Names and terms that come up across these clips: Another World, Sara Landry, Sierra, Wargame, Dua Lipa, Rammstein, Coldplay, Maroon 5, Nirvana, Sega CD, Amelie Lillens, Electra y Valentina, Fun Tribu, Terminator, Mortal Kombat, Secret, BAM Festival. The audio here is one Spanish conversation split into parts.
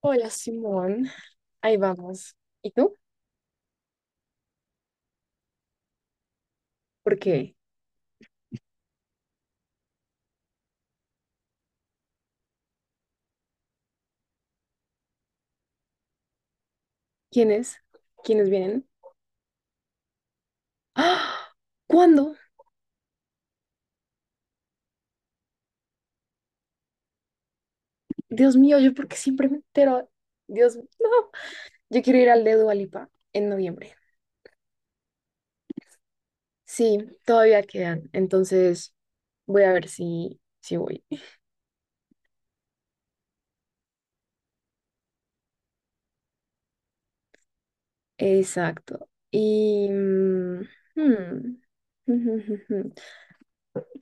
Hola Simón, ahí vamos. ¿Y tú? ¿Por qué? ¿Quiénes? ¿Quiénes vienen? ¡Ah! ¿Cuándo? Dios mío, yo porque siempre me entero. Dios, no. Yo quiero ir al de Dua Lipa en noviembre. Sí, todavía quedan. Entonces voy a ver si voy. Exacto. Hmm,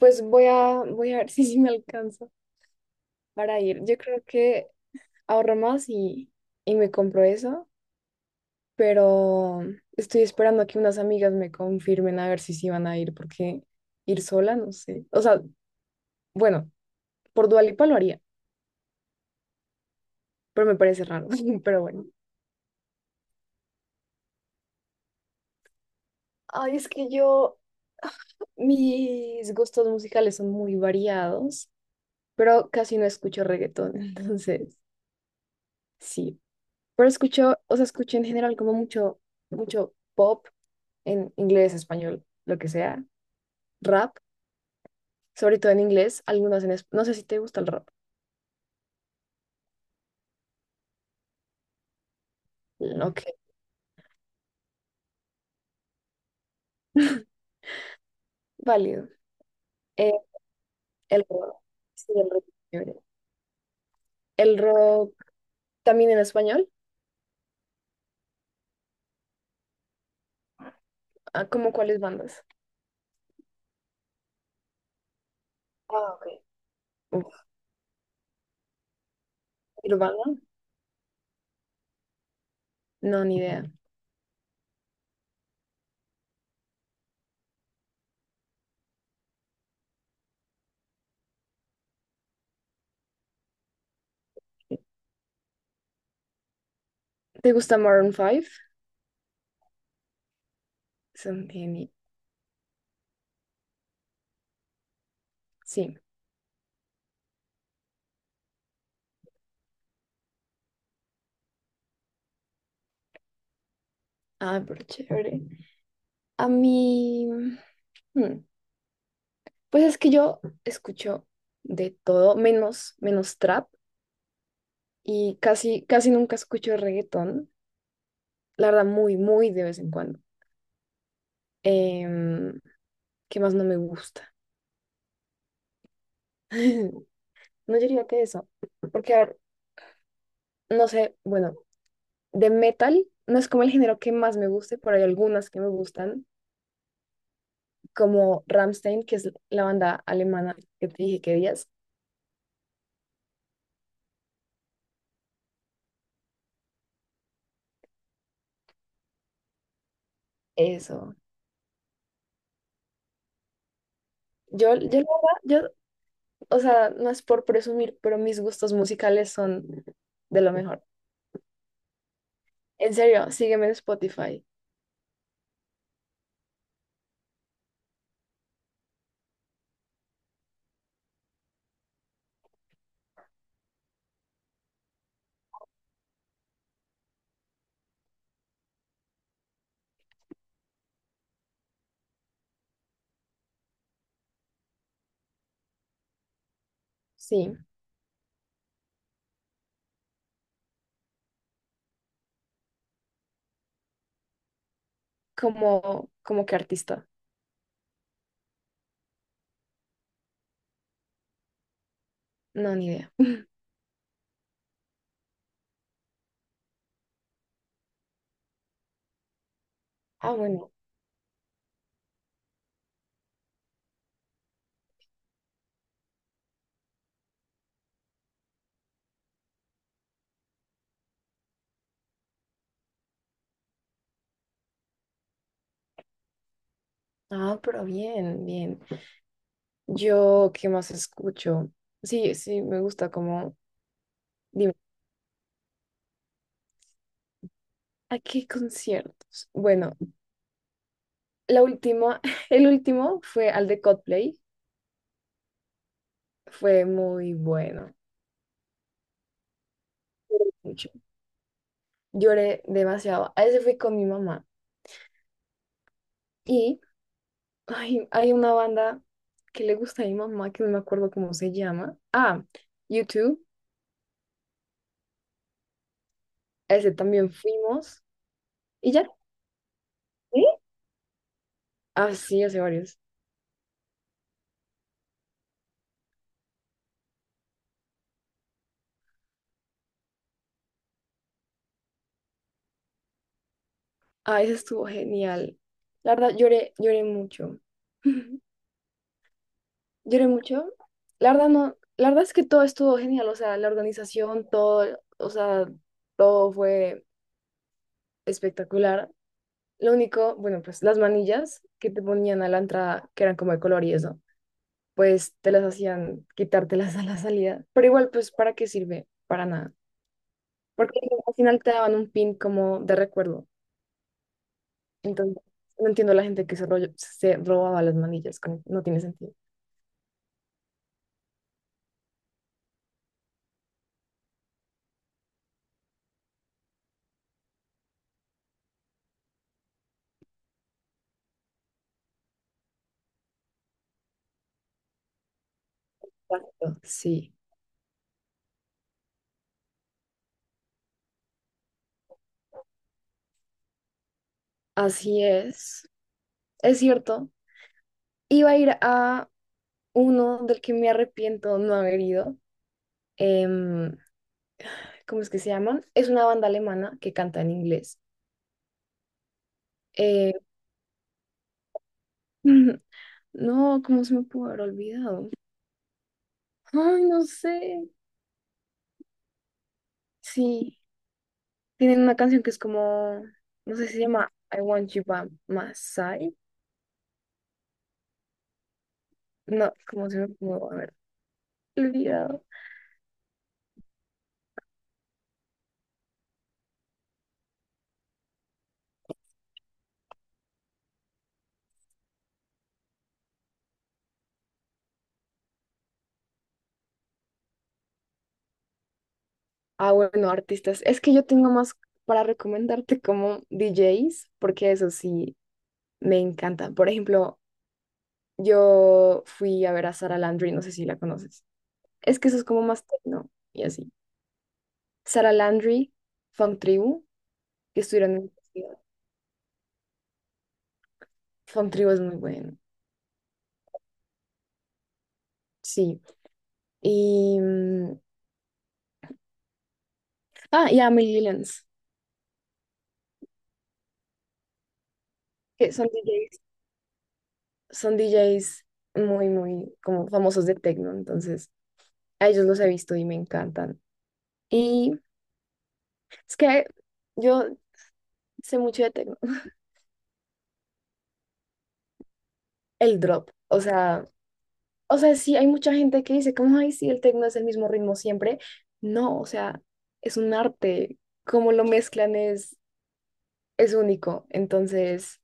Pues voy a ver si me alcanza para ir. Yo creo que ahorro más y me compro eso. Pero estoy esperando a que unas amigas me confirmen a ver si sí van a ir, porque ir sola, no sé. O sea, bueno, por Dua Lipa lo haría, pero me parece raro, pero bueno. Ay, es que mis gustos musicales son muy variados, pero casi no escucho reggaetón, entonces sí. Pero escucho, o sea, escucho en general como mucho, mucho pop en inglés, español, lo que sea, rap, sobre todo en inglés, algunas en. No sé si te gusta el rap. Mm, ok. Válido. Eh, el rock. Sí, el rock es chévere. El rock también en español. Ah, ¿cómo cuáles bandas? Ah, ok. Uf, Nirvana. No, ni idea. ¿Te gusta Maroon 5? Son genios. Sí. Ah, pero chévere. A mí. hmm, Pues es que yo escucho de todo, menos trap. Y casi, casi nunca escucho reggaetón. La verdad, muy, muy de vez en cuando. Em, ¿Qué más no me gusta? No, yo diría que eso. Porque, a ver, no sé, bueno, de metal no es como el género que más me guste, pero hay algunas que me gustan, como Rammstein, que es la banda alemana que te dije que días. Eso. Yo, la verdad, yo, o sea, no es por presumir, pero mis gustos musicales son de lo mejor. En serio, sígueme en Spotify. Sí, como que artista. No, ni idea. Ah, bueno. Ah, pero bien, bien. Yo, ¿qué más escucho? Sí, sí, me gusta como, dime, ¿a qué conciertos? Bueno, la última, el último fue al de Coldplay, fue muy bueno, lloré mucho, lloré demasiado. A ese fui con mi mamá y ay, hay una banda que le gusta a mi mamá, que no me acuerdo cómo se llama. Ah, YouTube, a ese también fuimos y ya. ¿Sí? Ah, sí, hace varios. Ah, ese estuvo genial. La verdad, lloré mucho. Lloré mucho. La verdad no, la verdad es que todo estuvo genial, o sea, la organización, todo, o sea, todo fue espectacular. Lo único, bueno, pues las manillas que te ponían a la entrada, que eran como de color y eso, pues te las hacían quitártelas a la salida. Pero igual, pues, ¿para qué sirve? Para nada. Porque al final te daban un pin como de recuerdo. Entonces, no entiendo la gente que se robaba las manillas, no tiene sentido. Exacto. Sí, así es. Es cierto. Iba a ir a uno del que me arrepiento no haber ido. em, ¿Cómo es que se llaman? Es una banda alemana que canta en inglés. Eh, no, ¿cómo se me pudo haber olvidado? Ay, no sé. Sí, tienen una canción que es como, no sé si se llama I Want You By My Side. No, ¿cómo se me pudo haber olvidado? Ah, bueno, artistas. Es que yo tengo más para recomendarte como DJs, porque eso sí me encantan. Por ejemplo, yo fui a ver a Sara Landry, no sé si la conoces. Es que eso es como más techno y así. Sara Landry, Fun Tribu, que estuvieron en la universidad. Fun Tribu es muy bueno, sí. Y. mm, Ah, y Amelie Lillens, que son DJs muy, muy como famosos de techno, entonces a ellos los he visto y me encantan. Y es que yo sé mucho de techno. El drop, o sea. O sea, sí, hay mucha gente que dice, como, ay, sí, el tecno es el mismo ritmo siempre. No, o sea, es un arte. Cómo lo mezclan es único. Entonces,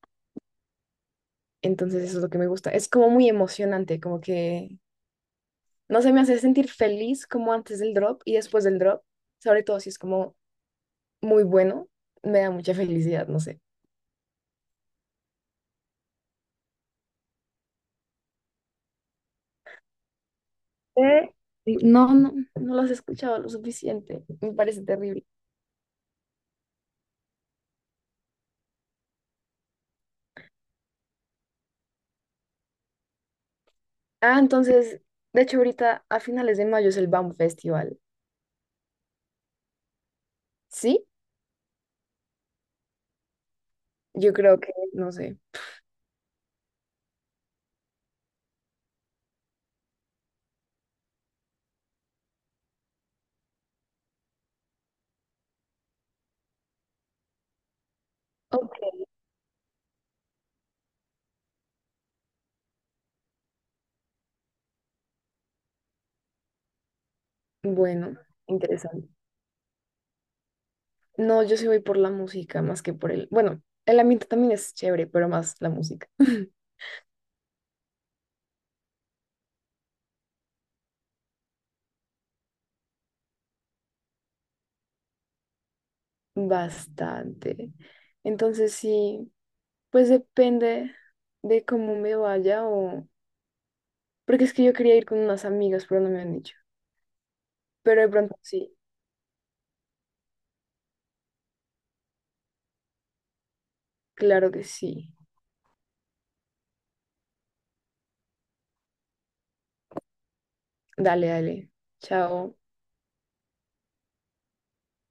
entonces eso es lo que me gusta. Es como muy emocionante, como que, no sé, me hace sentir feliz como antes del drop y después del drop. Sobre todo si es como muy bueno, me da mucha felicidad, no sé. Eh, No, no. No lo has escuchado lo suficiente. Me parece terrible. Ah, entonces, de hecho, ahorita a finales de mayo es el BAM Festival. ¿Sí? Yo creo que, no sé. Ok. Bueno, interesante. No, yo sí voy por la música más que por el. Bueno, el ambiente también es chévere, pero más la música. Bastante. Entonces sí, pues depende de cómo me vaya o. Porque es que yo quería ir con unas amigas, pero no me han dicho. Pero de pronto sí, claro que sí. Dale, dale. Chao.